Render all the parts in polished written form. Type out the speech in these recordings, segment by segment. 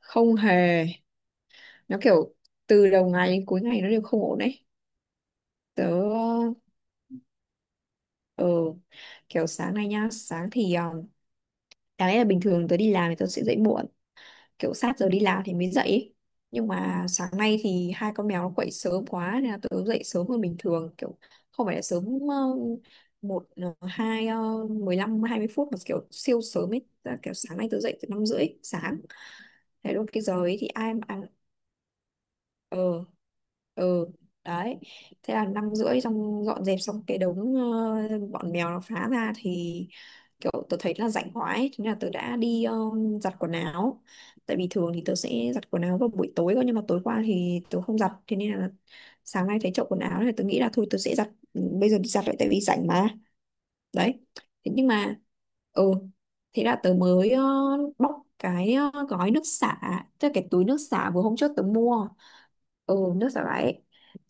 Không hề. Nó kiểu từ đầu ngày đến cuối ngày nó đều không ổn đấy. Tớ ờ kiểu sáng nay nhá, sáng thì đáng lẽ là bình thường tớ đi làm thì tớ sẽ dậy muộn, kiểu sát giờ đi làm thì mới dậy ấy. Nhưng mà sáng nay thì hai con mèo nó quậy sớm quá nên là tớ dậy sớm hơn bình thường, kiểu không phải là sớm một hai mười lăm hai mươi phút mà kiểu siêu sớm ấy. Tức là kiểu sáng nay tớ dậy từ năm rưỡi sáng, thế luôn. Cái giờ ấy thì ai… Ừ. Ừ, đấy. Thế là năm rưỡi xong dọn dẹp xong cái đống bọn mèo nó phá ra thì kiểu tớ thấy là rảnh quá ấy. Thế nên là tớ đã đi giặt quần áo, tại vì thường thì tớ sẽ giặt quần áo vào buổi tối cơ, nhưng mà tối qua thì tớ không giặt, thế nên là sáng nay thấy chậu quần áo này tớ nghĩ là thôi tớ sẽ giặt bây giờ, đi giặt lại tại vì rảnh mà. Đấy. Thế nhưng mà, ừ, thế là tớ mới bóc cái gói nước xả, tức là cái túi nước xả vừa hôm trước tớ mua. Ừ, nước xả vải ấy.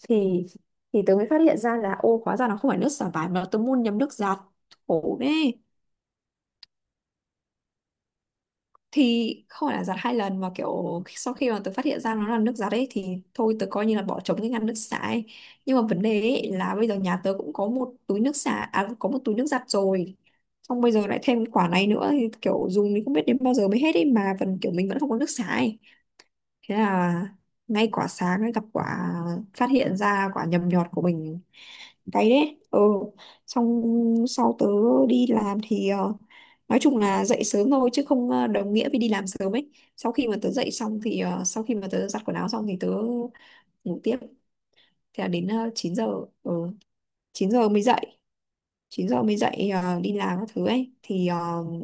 thì thì tớ mới phát hiện ra là ô, hóa ra nó không phải nước xả vải, mà tớ mua nhầm nước giặt. Khổ đấy. Thì không phải là giặt hai lần, mà kiểu sau khi mà tớ phát hiện ra nó là nước giặt ấy thì thôi tớ coi như là bỏ trống cái ngăn nước xả ấy. Nhưng mà vấn đề ấy là bây giờ nhà tớ cũng có một túi nước xả, à, có một túi nước giặt rồi, xong bây giờ lại thêm quả này nữa thì kiểu dùng thì không biết đến bao giờ mới hết ấy, mà vẫn kiểu mình vẫn không có nước xả ấy. Thế là ngay quả sáng ấy gặp quả phát hiện ra quả nhầm nhọt của mình. Cái đấy, ừ. Xong sau tớ đi làm thì nói chung là dậy sớm thôi chứ không đồng nghĩa với đi làm sớm ấy. Sau khi mà tớ dậy xong thì, ờ, sau khi mà tớ giặt quần áo xong thì tớ ngủ tiếp. Thế là đến 9 giờ, ừ, 9 giờ mới dậy, 9 giờ mới dậy, đi làm các thứ ấy thì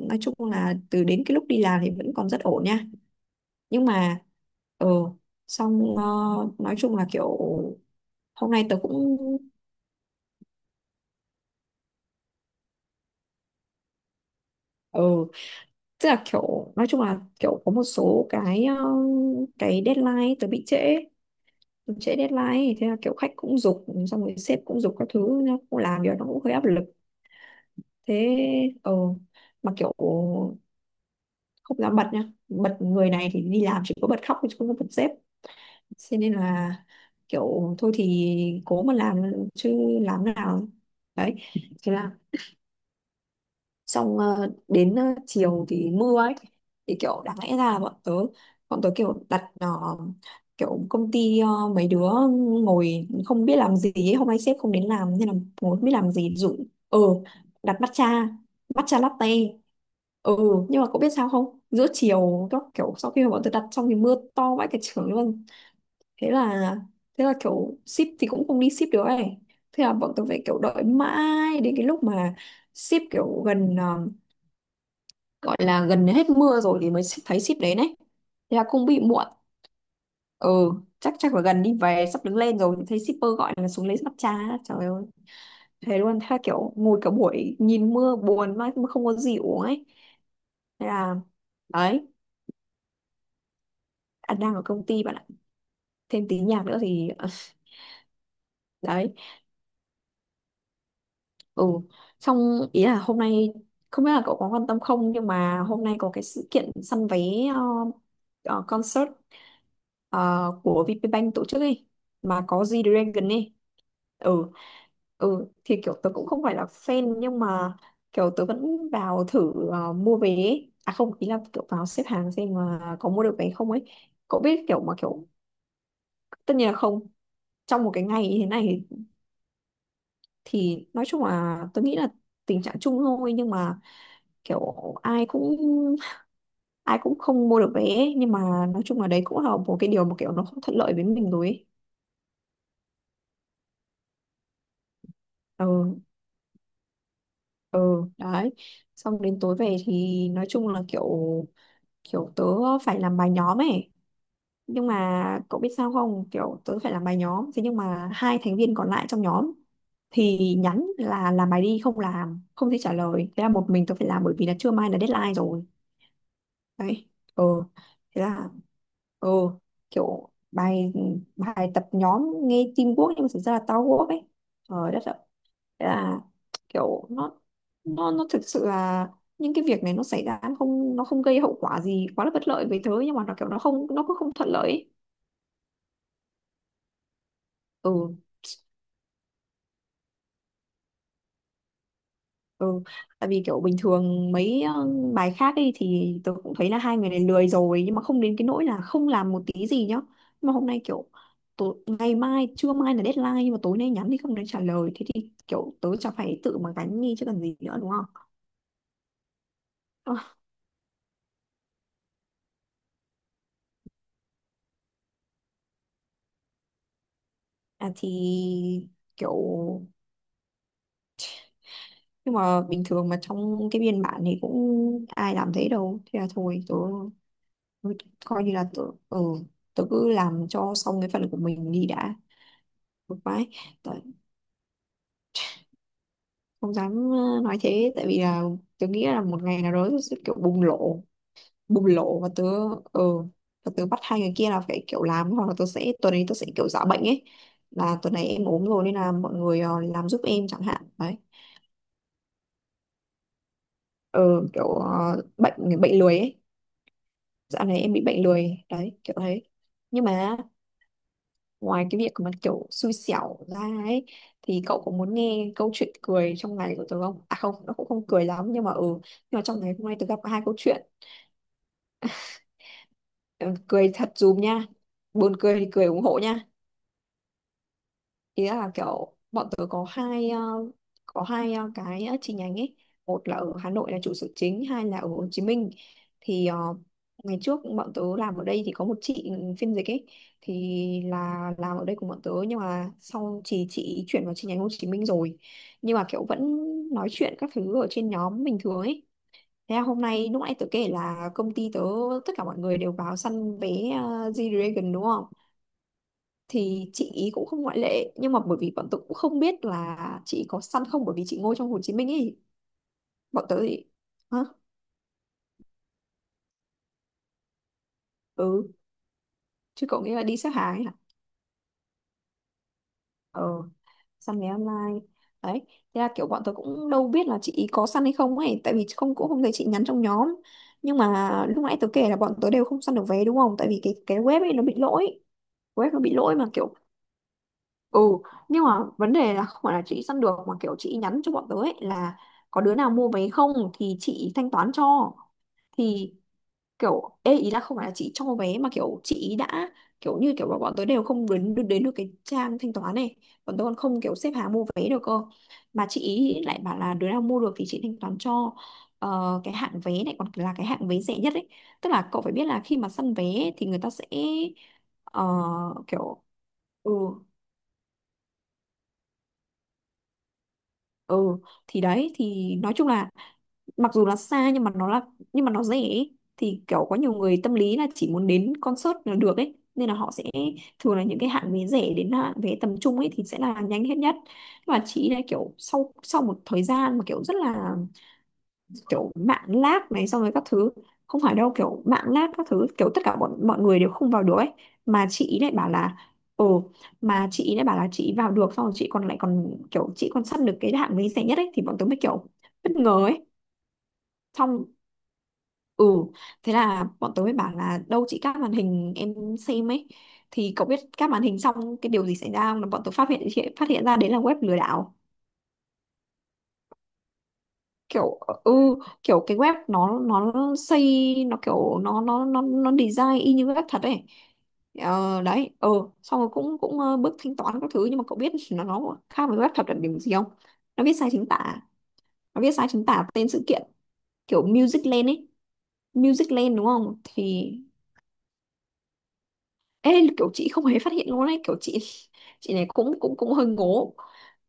nói chung là từ đến cái lúc đi làm thì vẫn còn rất ổn nha. Nhưng mà ờ xong ờ, nói chung là kiểu hôm nay tớ cũng, ờ tức là kiểu nói chung là kiểu có một số cái cái deadline ấy, tớ bị trễ. Tớ trễ deadline ấy. Thế là kiểu khách cũng giục, xong rồi sếp cũng giục các thứ, nó cũng làm việc nó cũng hơi áp lực. Thế ờ Mà kiểu không dám bật nha, bật người này thì đi làm chỉ có bật khóc chứ không có bật sếp. Thế nên là kiểu thôi thì cố mà làm chứ làm nào. Đấy. Thế là xong, đến chiều thì mưa ấy, thì kiểu đáng lẽ ra là bọn tớ kiểu đặt, kiểu công ty mấy đứa ngồi không biết làm gì ấy. Hôm nay sếp không đến làm nên là ngồi không biết làm gì dụ. Ừ, đặt matcha, matcha latte. Ừ, nhưng mà cậu biết sao không, giữa chiều các kiểu sau khi mà bọn tớ đặt xong thì mưa to vãi cả trường luôn. Thế là thế là kiểu ship thì cũng không đi ship được ấy. Thế là bọn tôi phải kiểu đợi mãi đến cái lúc mà ship kiểu gần, gọi là gần hết mưa rồi thì mới thấy ship đến ấy. Thế là cũng bị muộn. Ừ, chắc chắc là gần đi về sắp đứng lên rồi thì thấy shipper gọi là xuống lấy mặt trà. Trời ơi, thế luôn. Thế là kiểu ngồi cả buổi nhìn mưa buồn mà không có gì uống ấy. Thế là, đấy, anh đang ở công ty bạn ạ. Thêm tí nhạc nữa thì đấy. Ừ, xong ý là hôm nay, không biết là cậu có quan tâm không nhưng mà hôm nay có cái sự kiện săn vé, ờ, concert ờ, của VPBank tổ chức ấy, mà có G-Dragon ấy. Ừ, ừ, thì kiểu tớ cũng không phải là fan nhưng mà kiểu tớ vẫn vào thử, mua vé ấy. À không, ý là kiểu vào xếp hàng xem mà có mua được vé không ấy. Cậu biết kiểu mà kiểu, tất nhiên là không, trong một cái ngày như thế này. Thì nói chung là tôi nghĩ là tình trạng chung thôi, nhưng mà kiểu ai cũng, ai cũng không mua được vé ấy. Nhưng mà nói chung là đấy cũng là một cái điều mà kiểu nó không thuận lợi với mình rồi ấy. Ừ, ừ, đấy. Xong đến tối về thì nói chung là kiểu, kiểu tớ phải làm bài nhóm ấy. Nhưng mà cậu biết sao không, kiểu tớ phải làm bài nhóm, thế nhưng mà hai thành viên còn lại trong nhóm thì nhắn là làm bài đi không làm, không thể trả lời. Thế là một mình tớ phải làm bởi vì là trưa mai là deadline rồi. Đấy. Ừ, thế là, ừ, kiểu bài bài tập nhóm nghe teamwork nhưng mà thực ra là tao work ấy. Trời đất ạ. Thế là kiểu nó thực sự là những cái việc này nó xảy ra, nó không, nó không gây hậu quả gì quá là bất lợi với tớ, nhưng mà nó kiểu nó không, nó cũng không thuận lợi ấy. Ừ. Ừ, tại vì kiểu bình thường mấy bài khác ấy thì tôi cũng thấy là hai người này lười rồi, nhưng mà không đến cái nỗi là không làm một tí gì nhá. Nhưng mà hôm nay kiểu tối, ngày mai trưa mai là deadline, nhưng mà tối nay nhắn thì không đến trả lời, thế thì kiểu tớ chả phải tự mà gánh đi chứ cần gì nữa, đúng không? Ờ. À, thì kiểu, nhưng mà bình thường mà trong cái biên bản thì cũng ai làm thế đâu. Thế là thôi tớ, tớ coi như là tớ, ừ, tớ cứ làm cho xong cái phần của mình đi đã. Một cái không dám, nói thế tại vì là tớ nghĩ là một ngày nào đó tớ sẽ kiểu bùng lộ, bùng lộ và tớ, ờ và tớ bắt hai người kia là phải kiểu làm, hoặc là tớ sẽ tuần ấy tớ sẽ kiểu giả bệnh ấy, là tuần này em ốm rồi nên là mọi người làm giúp em chẳng hạn, đấy. ờ Kiểu bệnh bệnh lười ấy. Dạo này em bị bệnh lười đấy, kiểu thế. Nhưng mà, ngoài cái việc mà kiểu xui xẻo ra ấy, thì cậu có muốn nghe câu chuyện cười trong ngày của tớ không? À không, nó cũng không cười lắm, nhưng mà ừ, nhưng mà trong ngày hôm nay tớ gặp hai câu chuyện. Ừ, cười thật dùm nha. Buồn cười thì cười ủng hộ nha. Ý là kiểu bọn tớ có hai, có hai cái chi nhánh ấy, một là ở Hà Nội là trụ sở chính, hai là ở Hồ Chí Minh. Thì ngày trước bọn tớ làm ở đây thì có một chị phiên dịch ấy, thì là làm ở đây cùng bọn tớ nhưng mà sau chị chuyển vào chi nhánh Hồ Chí Minh rồi, nhưng mà kiểu vẫn nói chuyện các thứ ở trên nhóm bình thường ấy. Thế là hôm nay lúc nãy tớ kể là công ty tớ tất cả mọi người đều vào săn vé G-Dragon, đúng không? Thì chị ý cũng không ngoại lệ, nhưng mà bởi vì bọn tớ cũng không biết là chị ý có săn không, bởi vì chị ngồi trong Hồ Chí Minh ấy. Bọn tớ thì, hả? Ừ, chứ cậu nghĩ là đi xếp hàng ấy hả? Ờ, săn vé online. Đấy. Thế là kiểu bọn tớ cũng đâu biết là chị ý có săn hay không ấy, tại vì không cũng không thấy chị nhắn trong nhóm. Nhưng mà lúc nãy tớ kể là bọn tớ đều không săn được vé đúng không, tại vì cái web ấy nó bị lỗi. Web nó bị lỗi mà kiểu, ừ, nhưng mà vấn đề là không phải là chị săn được, mà kiểu chị nhắn cho bọn tớ ấy là có đứa nào mua vé không thì chị thanh toán cho. Thì kiểu ê ý là không phải là chị cho vé mà kiểu chị đã kiểu như kiểu bọn bọn tớ đều không đến đến được cái trang thanh toán này. Bọn tớ còn không kiểu xếp hàng mua vé được cơ. Mà chị ý lại bảo là đứa nào mua được thì chị thanh toán cho. Ờ, cái hạng vé này còn là cái hạng vé rẻ nhất ấy. Tức là cậu phải biết là khi mà săn vé thì người ta sẽ ờ, kiểu, ừ, ừ, thì đấy thì nói chung là mặc dù là xa nhưng mà nó là nhưng mà nó rẻ ấy. Thì kiểu có nhiều người tâm lý là chỉ muốn đến concert là được ấy nên là họ sẽ thường là những cái hạng vé rẻ đến hạng vé tầm trung ấy thì sẽ là nhanh hết nhất. Và chị ấy là kiểu sau sau một thời gian mà kiểu rất là kiểu mạng lag này xong rồi các thứ. Không phải đâu kiểu mạng lag các thứ kiểu tất cả bọn mọi người đều không vào được ấy. Mà chị ý lại bảo là ồ, mà chị ý lại bảo là chị ý vào được xong rồi chị còn lại còn kiểu chị còn săn được cái hạng vé rẻ nhất ấy thì bọn tớ mới kiểu bất ngờ ấy. Xong, ừ, thế là bọn tớ mới bảo là đâu chị các màn hình em xem ấy thì cậu biết các màn hình xong cái điều gì xảy ra không là bọn tớ phát hiện ra đấy là web lừa đảo. Kiểu, ừ, kiểu cái web nó xây, nó kiểu nó design y như web thật ấy. Ờ, đấy, ờ, xong rồi cũng cũng, ờ, bước thanh toán các thứ nhưng mà cậu biết nó khác với web thật là điểm gì không. Nó viết sai chính tả, nó viết sai chính tả tên sự kiện, kiểu Music Land ấy. Music Land đúng không thì ê, kiểu chị không hề phát hiện luôn ấy, kiểu chị chị này cũng cũng cũng hơi ngố.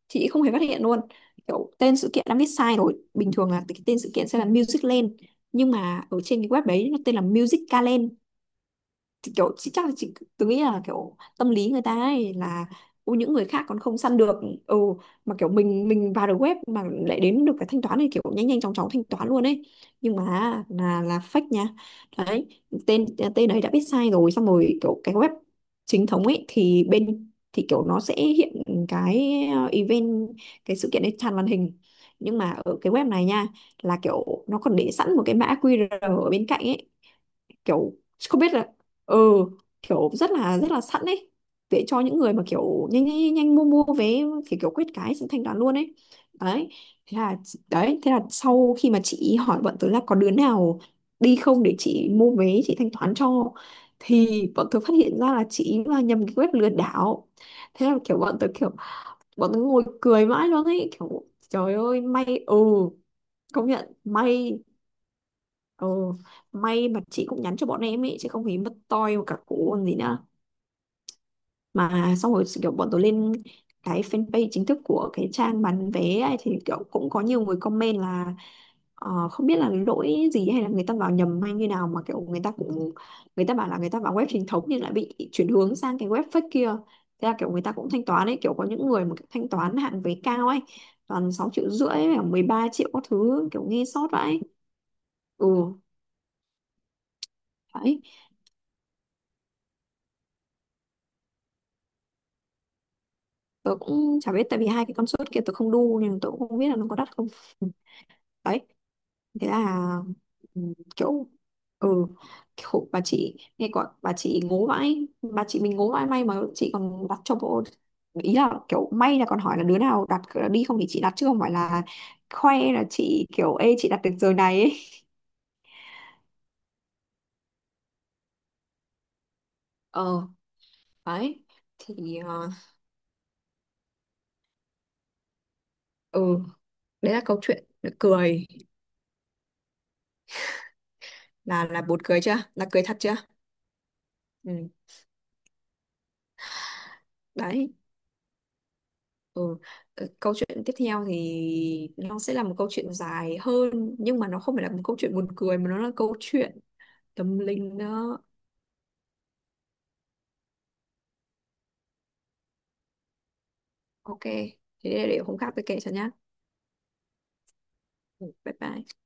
Chị không hề phát hiện luôn kiểu tên sự kiện đã viết sai rồi. Bình thường là cái tên sự kiện sẽ là Music Land nhưng mà ở trên cái web đấy nó tên là Music Calend. Thì kiểu chị chắc là chị, tôi nghĩ là kiểu tâm lý người ta ấy là ô những người khác còn không săn được, ừ, mà kiểu mình vào được web mà lại đến được cái thanh toán này kiểu nhanh nhanh chóng chóng thanh toán luôn ấy. Nhưng mà là fake nha. Đấy, tên tên ấy đã biết sai rồi xong rồi kiểu cái web chính thống ấy thì bên thì kiểu nó sẽ hiện cái ờ, event, cái sự kiện ấy tràn màn hình. Nhưng mà ở cái web này nha là kiểu nó còn để sẵn một cái mã QR ở bên cạnh ấy. Kiểu không biết là, ừ, kiểu rất là sẵn ấy để cho những người mà kiểu nhanh nhanh nhanh nhanh mua mua vé thì kiểu quyết cái xong thanh toán luôn ấy. Đấy, thế là, đấy thế là sau khi mà chị hỏi bọn tớ là có đứa nào đi không để chị mua vé, chị thanh toán cho thì bọn tớ phát hiện ra là chị là nhầm cái web lừa đảo. Thế là kiểu bọn tớ ngồi cười mãi luôn ấy kiểu trời ơi, may, ừ, công nhận may. Ồ, may mà chị cũng nhắn cho bọn em ấy chứ không thì mất toi một cả cụ còn gì nữa. Mà xong rồi kiểu bọn tôi lên cái fanpage chính thức của cái trang bán vé ấy, thì kiểu cũng có nhiều người comment là, ờ, không biết là lỗi gì hay là người ta vào nhầm hay như nào mà kiểu người ta cũng, người ta bảo là người ta vào web chính thống nhưng lại bị chuyển hướng sang cái web fake kia. Thế là kiểu người ta cũng thanh toán ấy, kiểu có những người mà thanh toán hạn vé cao ấy, toàn 6,5 triệu, 13 triệu các thứ, kiểu nghe sót vậy. Ừ, đấy, tớ cũng chả biết tại vì hai cái con sốt kia tớ không đu nên tớ cũng không biết là nó có đắt không. Ừ, đấy, thế là, ừ, kiểu, ừ, khổ bà chị, nghe gọi bà chị ngố vãi, bà chị mình ngố vãi, may mà chị còn đặt cho bộ. Ý là kiểu may là còn hỏi là đứa nào đặt đi không thì chị đặt chứ không phải là khoe là chị kiểu ê chị đặt được giờ này ấy. Ờ, đấy thì, ờ, ừ, đấy là câu chuyện cười, là buồn cười chưa, là cười thật chưa. Ừ, đấy. Ừ, ờ, câu chuyện tiếp theo thì nó sẽ là một câu chuyện dài hơn nhưng mà nó không phải là một câu chuyện buồn cười mà nó là câu chuyện tâm linh đó. Ok, thế để hôm khác tôi kể cho nhá. Ừ, bye bye.